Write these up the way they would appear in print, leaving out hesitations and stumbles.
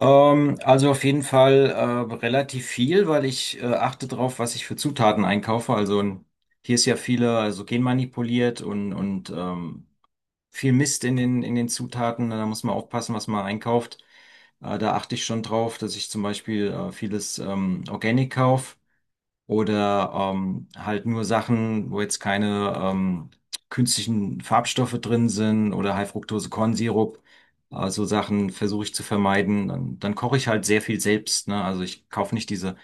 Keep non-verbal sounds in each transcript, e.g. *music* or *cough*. Also auf jeden Fall relativ viel, weil ich achte drauf, was ich für Zutaten einkaufe. Hier ist ja viele also genmanipuliert und viel Mist in den Zutaten. Da muss man aufpassen, was man einkauft. Da achte ich schon drauf, dass ich zum Beispiel vieles Organic kaufe oder halt nur Sachen, wo jetzt keine künstlichen Farbstoffe drin sind oder High-Fructose-Kornsirup. So Sachen versuche ich zu vermeiden. Dann koche ich halt sehr viel selbst, ne? Also ich kaufe nicht diese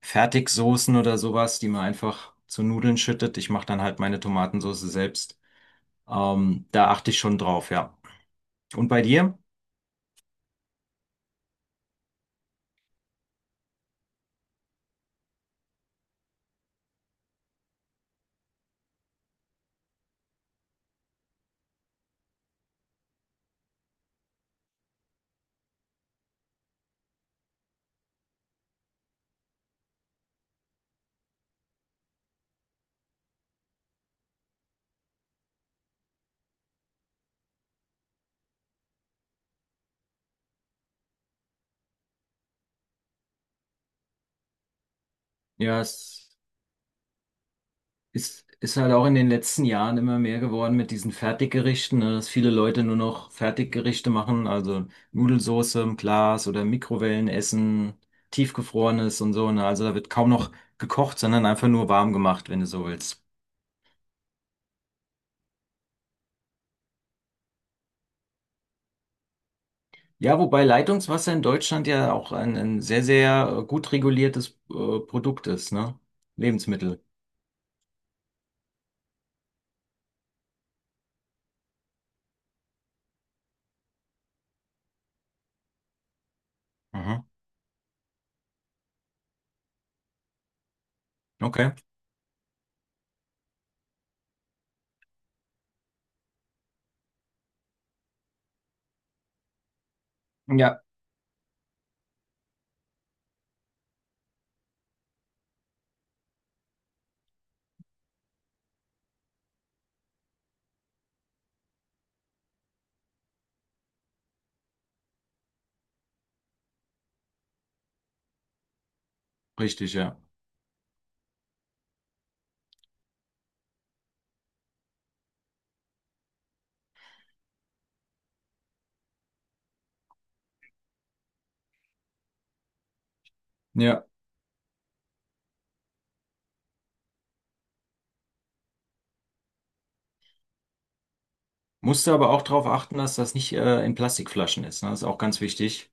Fertigsoßen oder sowas, die man einfach zu Nudeln schüttet. Ich mache dann halt meine Tomatensauce selbst. Da achte ich schon drauf, ja. Und bei dir? Ja. Es ist halt auch in den letzten Jahren immer mehr geworden mit diesen Fertiggerichten, ne, dass viele Leute nur noch Fertiggerichte machen, also Nudelsauce im Glas oder Mikrowellenessen, tiefgefrorenes und so, ne? Also da wird kaum noch gekocht, sondern einfach nur warm gemacht, wenn du so willst. Ja, wobei Leitungswasser in Deutschland ja auch ein sehr, sehr gut reguliertes Produkt ist, ne? Lebensmittel. Mhm. Okay. Ja. Richtig, ja. Ja. Musst du aber auch darauf achten, dass das nicht in Plastikflaschen ist, ne? Das ist auch ganz wichtig.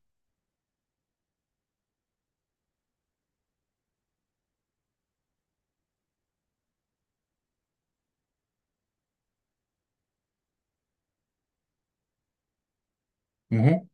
Mhm.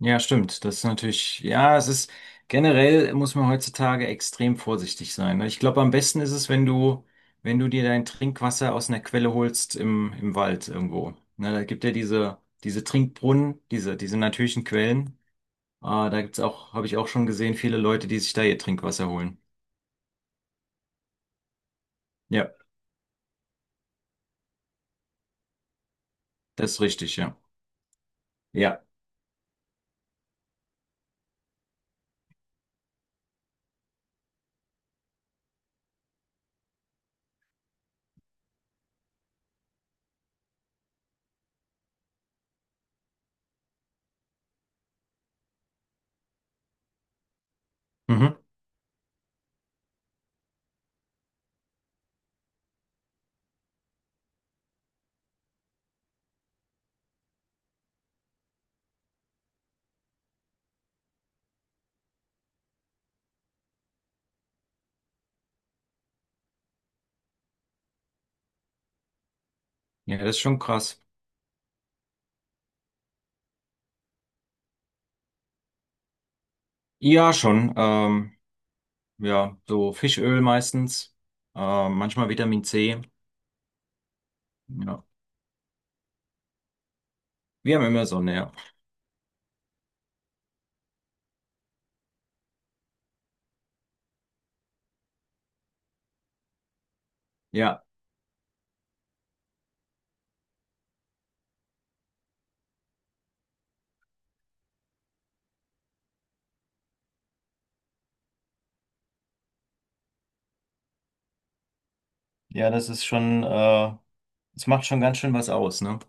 Ja, stimmt. Das ist natürlich, ja, es ist generell muss man heutzutage extrem vorsichtig sein, ne? Ich glaube, am besten ist es, wenn du dir dein Trinkwasser aus einer Quelle holst im Wald irgendwo. Ne, da gibt ja diese Trinkbrunnen, diese natürlichen Quellen. Da gibt's auch, habe ich auch schon gesehen, viele Leute, die sich da ihr Trinkwasser holen. Ja, das ist richtig, ja. Ja. Mhm. Ja, das ist schon krass. Ja, schon. Ja, so Fischöl meistens, manchmal Vitamin C. Ja. Wir haben immer Sonne, ja. Ja, ja, das ist schon, das macht schon ganz schön was aus, ne?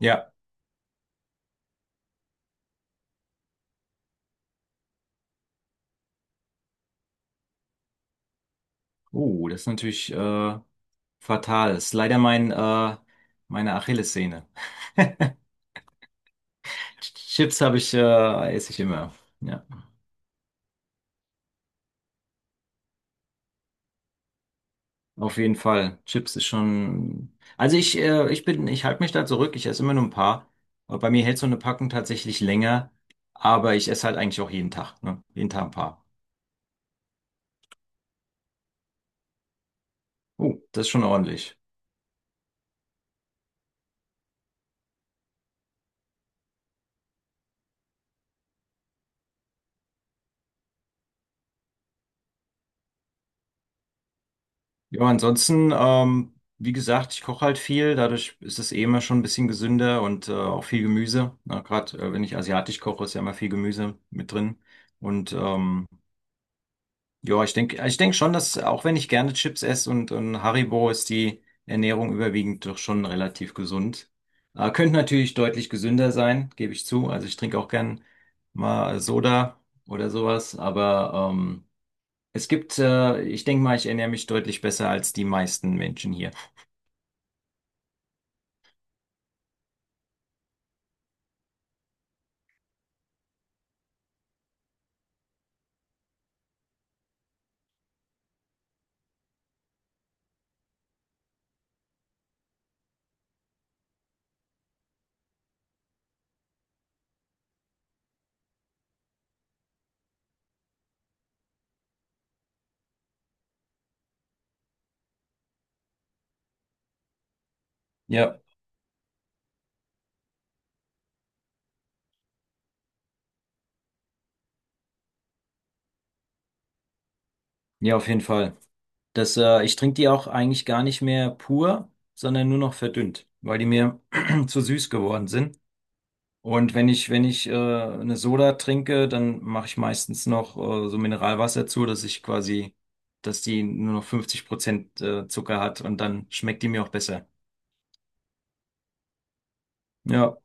Ja. Oh, das ist natürlich fatal. Das ist leider meine Achillessehne. Chips esse ich immer. Ja, auf jeden Fall. Chips ist schon. Also ich halte mich da zurück. Ich esse immer nur ein paar. Aber bei mir hält so eine Packung tatsächlich länger. Aber ich esse halt eigentlich auch jeden Tag, ne? Jeden Tag ein paar. Oh, das ist schon ordentlich. Ja, ansonsten, wie gesagt, ich koche halt viel, dadurch ist es eh immer schon ein bisschen gesünder und auch viel Gemüse. Na, gerade wenn ich asiatisch koche, ist ja immer viel Gemüse mit drin. Und ja, ich denke schon, dass auch wenn ich gerne Chips esse und Haribo, ist die Ernährung überwiegend doch schon relativ gesund. Könnte natürlich deutlich gesünder sein, gebe ich zu. Also ich trinke auch gern mal Soda oder sowas, aber ich denke mal, ich ernähre mich deutlich besser als die meisten Menschen hier. Ja, ja, auf jeden Fall. Ich trinke die auch eigentlich gar nicht mehr pur, sondern nur noch verdünnt, weil die mir *clears throat* zu süß geworden sind. Und wenn ich eine Soda trinke, dann mache ich meistens noch so Mineralwasser zu, dass die nur noch 50% Zucker hat und dann schmeckt die mir auch besser. Ja,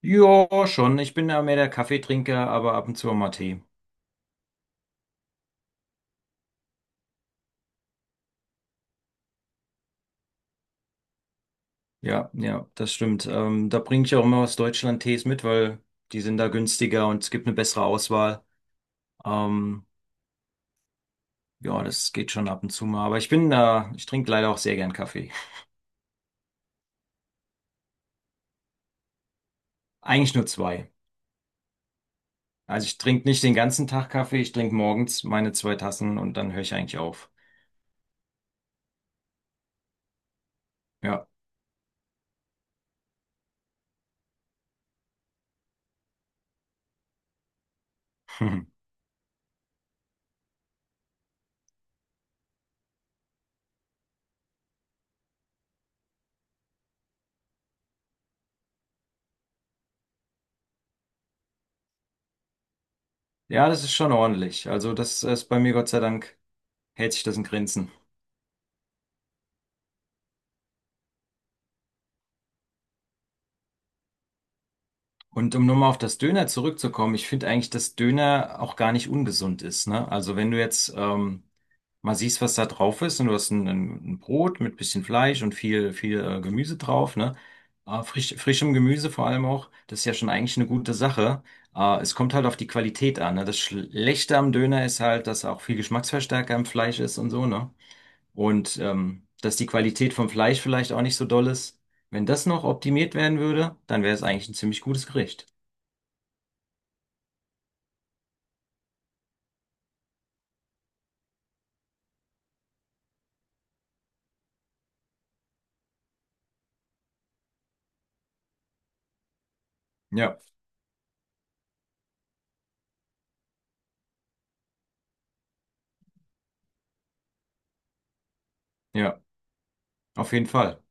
ja, schon. Ich bin ja mehr der Kaffeetrinker, aber ab und zu auch mal Tee. Ja, ja, das stimmt. Da bringe ich auch immer aus Deutschland Tees mit, weil die sind da günstiger und es gibt eine bessere Auswahl. Ähm, ja, das geht schon ab und zu mal. Aber ich trinke leider auch sehr gern Kaffee. Eigentlich nur zwei. Also ich trinke nicht den ganzen Tag Kaffee, ich trinke morgens meine zwei Tassen und dann höre ich eigentlich auf. Ja. *laughs* Ja, das ist schon ordentlich. Also das ist bei mir Gott sei Dank hält sich das in Grenzen. Und um nochmal auf das Döner zurückzukommen, ich finde eigentlich, dass Döner auch gar nicht ungesund ist, ne? Also wenn du jetzt mal siehst, was da drauf ist und du hast ein Brot mit bisschen Fleisch und viel, viel Gemüse drauf, ne? Frischem Gemüse vor allem auch, das ist ja schon eigentlich eine gute Sache. Es kommt halt auf die Qualität an, ne? Das Schlechte am Döner ist halt, dass auch viel Geschmacksverstärker im Fleisch ist und so, ne? Und dass die Qualität vom Fleisch vielleicht auch nicht so doll ist. Wenn das noch optimiert werden würde, dann wäre es eigentlich ein ziemlich gutes Gericht. Ja, ja, auf jeden Fall.